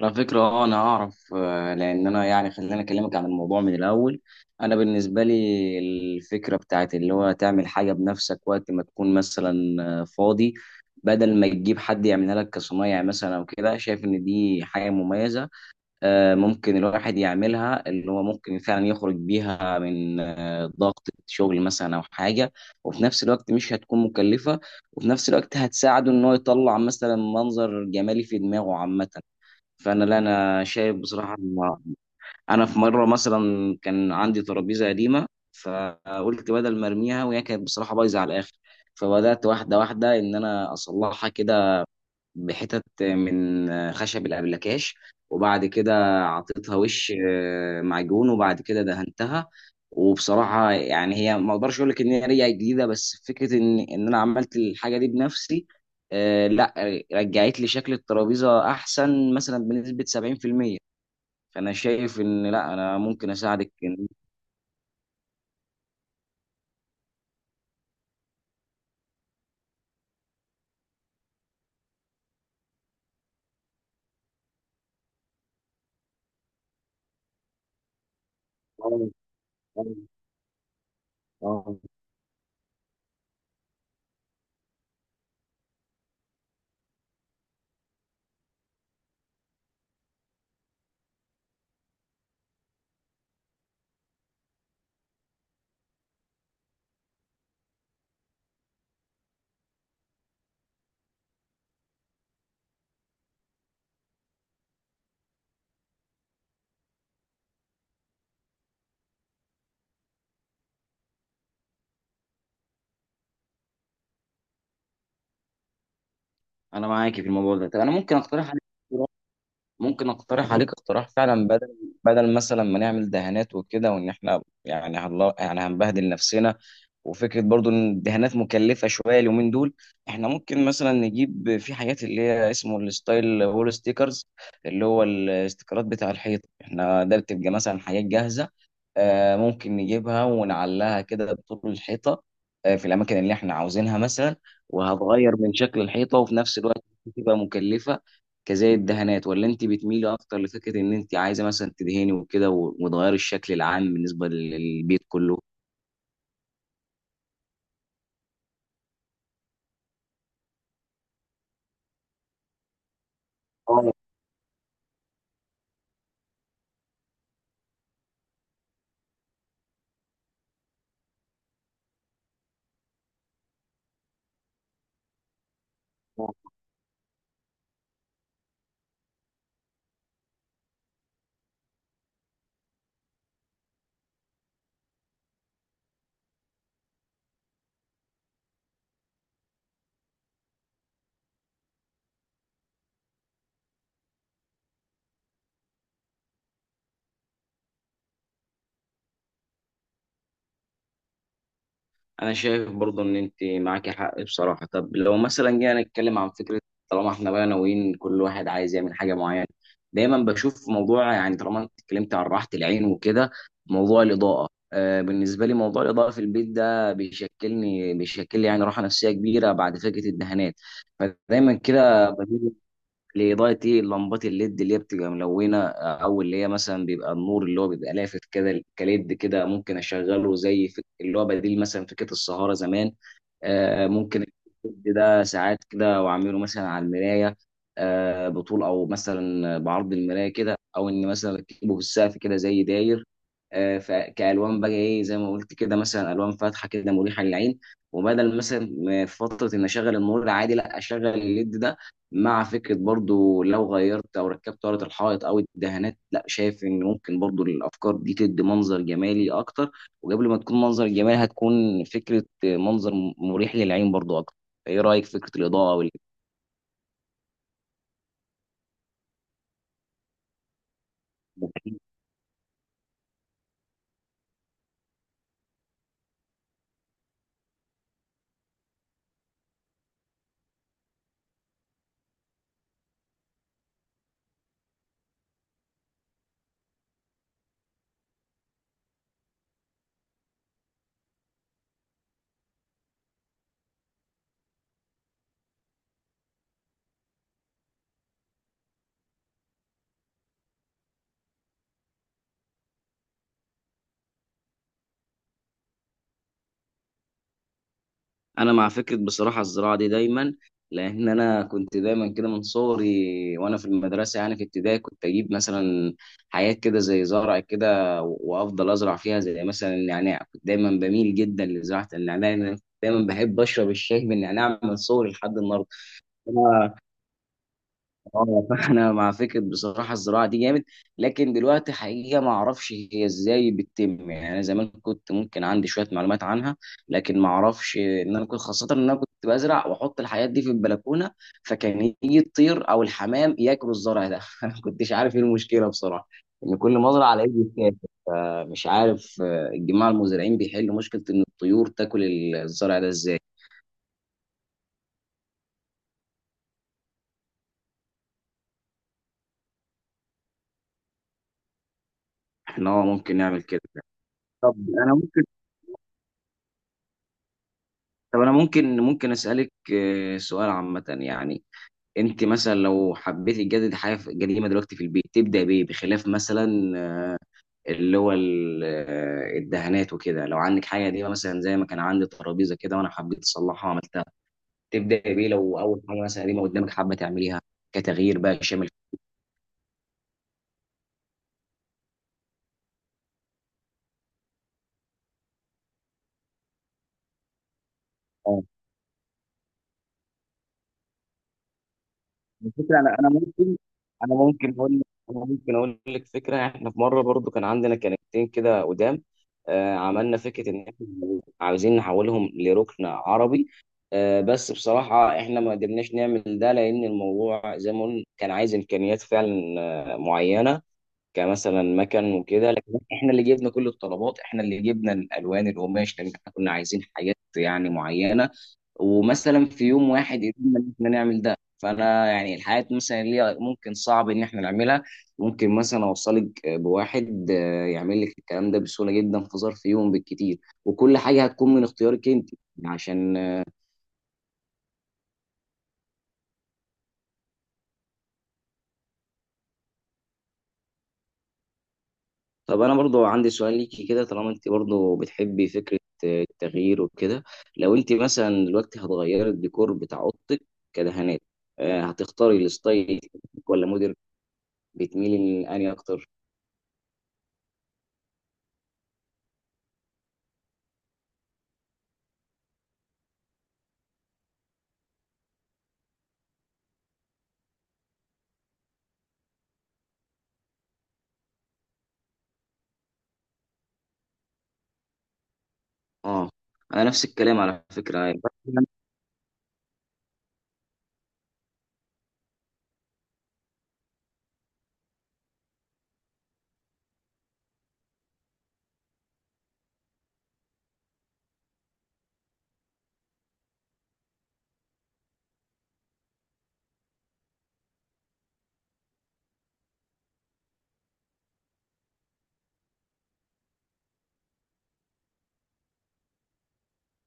على فكرة، أنا أعرف. لأن أنا يعني خليني أكلمك عن الموضوع من الأول. أنا بالنسبة لي الفكرة بتاعت اللي هو تعمل حاجة بنفسك وقت ما تكون مثلا فاضي، بدل ما تجيب حد يعملها لك كصنايع مثلا أو كده، شايف إن دي حاجة مميزة. ممكن الواحد يعملها، اللي هو ممكن فعلا يخرج بيها من ضغط شغل مثلا أو حاجة، وفي نفس الوقت مش هتكون مكلفة، وفي نفس الوقت هتساعده إن هو يطلع مثلا منظر جمالي في دماغه عامة. فانا، لا، انا شايف بصراحه إن انا في مره مثلا كان عندي ترابيزه قديمه، فقلت بدل ما ارميها، وهي كانت بصراحه بايظه على الاخر، فبدات واحده واحده ان انا اصلحها كده. بحتت من خشب الأبلكاش، وبعد كده عطيتها وش معجون، وبعد كده دهنتها. وبصراحة يعني هي ما اقدرش اقول لك ان هي رجعت جديدة، بس فكرة ان انا عملت الحاجة دي بنفسي، لا، رجعت لي شكل الترابيزة احسن مثلا بنسبة 70%. فانا شايف ان، لا، انا ممكن اساعدك آه. آه. آه. انا معاكي في الموضوع ده. طب انا ممكن اقترح عليك، اقتراح فعلا، بدل مثلا ما نعمل دهانات وكده، وان احنا يعني يعني هنبهدل نفسنا، وفكره برضو ان الدهانات مكلفه شويه اليومين دول. احنا ممكن مثلا نجيب في حاجات اللي هي اسمه الستايل وول ستيكرز، اللي هو الاستيكرات بتاع الحيط احنا، ده بتبقى مثلا حاجات جاهزه، ممكن نجيبها ونعلقها كده بطول الحيطة، في الأماكن اللي احنا عاوزينها مثلا، وهتغير من شكل الحيطة، وفي نفس الوقت تبقى مكلفة كزي الدهانات، ولا انت بتميلي أكتر لفكرة إن انت عايزة مثلا تدهني وكده و- وتغيري الشكل العام بالنسبة للبيت كله؟ اه، انا شايف برضو ان انت معاكي حق بصراحه. طب لو مثلا جينا نتكلم عن فكره، طالما احنا بقى ناويين كل واحد عايز يعمل حاجه معينه، دايما بشوف موضوع، يعني طالما انت اتكلمت عن راحه العين وكده، موضوع الاضاءه. بالنسبه لي موضوع الاضاءه في البيت ده بيشكل لي يعني راحه نفسيه كبيره بعد فكره الدهانات. فدايما كده بميل لإضاءة لمبات الليد اللي هي بتبقى ملونة، أو اللي هي مثلا بيبقى النور اللي هو بيبقى لافت كده، كليد كده، ممكن أشغله اللي هو بديل مثلا فكرة السهارة زمان. ممكن الليد ده ساعات كده، وأعمله مثلا على المراية، بطول أو مثلا بعرض المراية كده، أو إن مثلا أكتبه في السقف كده زي داير. فكألوان بقى، زي ما قلت كده، مثلا ألوان فاتحة كده مريحة للعين. وبدل مثلا ما في فترة إن أشغل النور العادي، لا أشغل الليد ده، مع فكرة برضو لو غيرت أو ركبت ورقة الحائط أو الدهانات. لا، شايف إن ممكن برضو الأفكار دي تدي منظر جمالي أكتر، وقبل ما تكون منظر جمالي هتكون فكرة منظر مريح للعين برضو أكتر. إيه رأيك في فكرة الإضاءة؟ والإنتاج. انا مع فكره بصراحه الزراعه دي دايما، لان انا كنت دايما كده من صغري، وانا في المدرسه يعني في ابتدائي كنت اجيب مثلا حاجات كده زي زرع كده، وافضل ازرع فيها زي مثلا النعناع. كنت دايما بميل جدا لزراعه النعناع، لأن انا كنت دايما بحب اشرب الشاي بالنعناع من صغري لحد النهارده. اه، فانا مع فكره بصراحه الزراعه دي جامد. لكن دلوقتي حقيقه ما اعرفش هي ازاي بتتم، يعني انا زمان كنت ممكن عندي شويه معلومات عنها، لكن ما اعرفش ان انا كنت، خاصه ان انا كنت بزرع واحط الحاجات دي في البلكونه، فكان يجي الطير او الحمام ياكلوا الزرع ده انا ما كنتش عارف ايه المشكله بصراحه، ان كل ما ازرع الاقيه بيتاكل. فمش عارف الجماعه المزارعين بيحلوا مشكله ان الطيور تاكل الزرع ده ازاي. احنا ممكن نعمل كده. طب انا ممكن طب انا ممكن ممكن اسالك سؤال عامه يعني. انت مثلا لو حبيتي تجدد حاجه قديمه دلوقتي في البيت، تبدا بايه بخلاف مثلا آه، اللي هو الدهانات وكده، لو عندك حاجه قديمه مثلا زي ما كان عندي ترابيزه كده وانا حبيت اصلحها وعملتها، تبدا بايه لو اول حاجه مثلا قديمه قدامك حابه تعمليها كتغيير بقى شامل؟ الفكره، انا ممكن اقول لك فكره، احنا في مره برضو كان عندنا كنكتين كده قدام، عملنا فكره ان احنا عاوزين نحولهم لركن عربي، بس بصراحه احنا ما قدرناش نعمل ده، لان الموضوع زي ما قلنا كان عايز امكانيات فعلا معينه، كمثلا مكن وكده. لكن احنا اللي جبنا كل الطلبات، احنا اللي جبنا الالوان، القماش، لان احنا كنا عايزين حاجات يعني معينه، ومثلا في يوم واحد قدرنا ان احنا نعمل ده. فانا يعني الحاجات مثلا اللي هي ممكن صعب ان احنا نعملها، ممكن مثلا اوصلك بواحد يعمل لك الكلام ده بسهوله جدا في ظرف يوم بالكتير، وكل حاجه هتكون من اختيارك انت، عشان. طب انا برضو عندي سؤال ليكي كده، طالما انت برضو بتحبي فكره التغيير وكده، لو انت مثلا دلوقتي هتغيري الديكور بتاع اوضتك كدهانات، هتختاري الستايل ولا موديل بتميلي لاني اكتر؟ اه، انا نفس الكلام على فكره.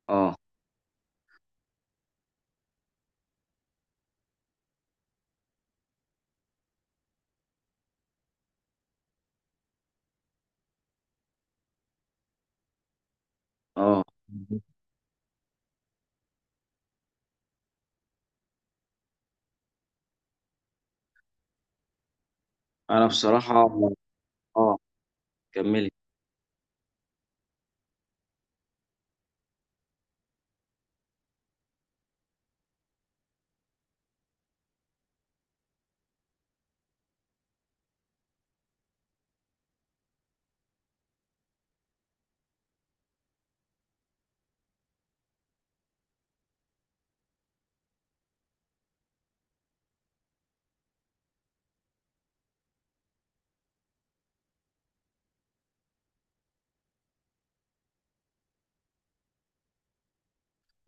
اه. اه. انا بصراحه، اه، كمل.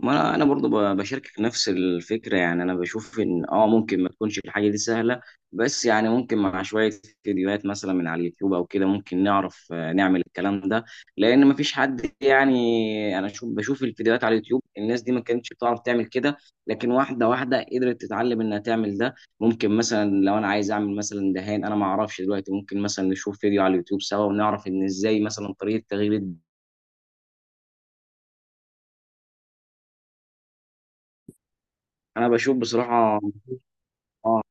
ما انا برضو ب- بشاركك نفس الفكره. يعني انا بشوف ان، ممكن ما تكونش الحاجه دي سهله، بس يعني ممكن مع شويه فيديوهات مثلا من على اليوتيوب او كده ممكن نعرف نعمل الكلام ده. لان ما فيش حد، يعني انا شوف بشوف الفيديوهات على اليوتيوب، الناس دي ما كانتش بتعرف تعمل كده، لكن واحده واحده قدرت تتعلم انها تعمل ده. ممكن مثلا لو انا عايز اعمل مثلا دهان انا ما اعرفش دلوقتي، ممكن مثلا نشوف فيديو على اليوتيوب سوا ونعرف ان ازاي مثلا طريقه تغيير انا بشوف بصراحه. اه.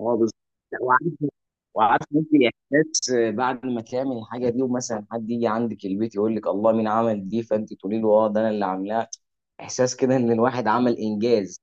اه، بالظبط. وعارف ممكن احساس بعد ما تعمل الحاجه دي، ومثلا حد يجي عندك البيت يقول لك الله مين عمل دي، فانت تقولي له اه ده انا اللي عاملاها. احساس كده ان الواحد عمل انجاز.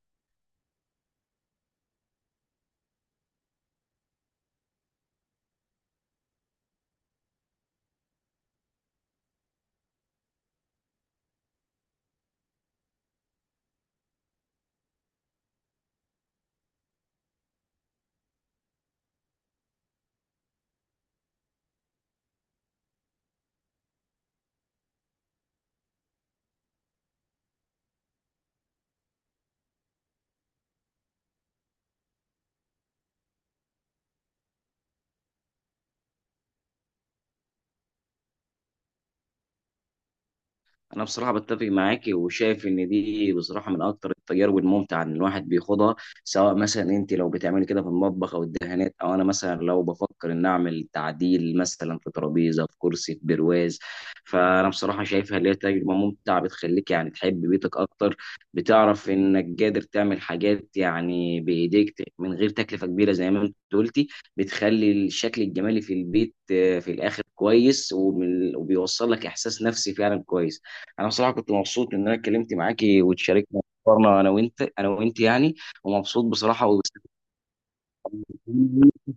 انا بصراحه بتفق معاكي، وشايف ان دي بصراحه من اكتر التجارب الممتعه ان الواحد بيخوضها، سواء مثلا انت لو بتعملي كده في المطبخ او الدهانات، او انا مثلا لو بفكر ان اعمل تعديل مثلا في ترابيزه، في كرسي، في برواز. فانا بصراحه شايفها اللي هي تجربه ممتعه، بتخليك يعني تحب بيتك اكتر، بتعرف انك قادر تعمل حاجات يعني بايديك من غير تكلفه كبيره زي ما انت قلتي، بتخلي الشكل الجمالي في البيت في الاخر كويس، وبال- وبيوصل لك احساس نفسي فعلا كويس. انا بصراحه كنت مبسوط ان انا اتكلمت معاكي وتشاركنا افكارنا، انا وانت، يعني ومبسوط بصراحه، واستفدت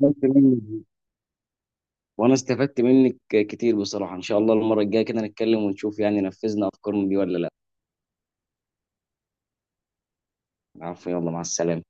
منك وانا استفدت منك كتير بصراحه. ان شاء الله المره الجايه كده نتكلم ونشوف يعني نفذنا افكارنا دي ولا لا. عفوا، يلا مع السلامه.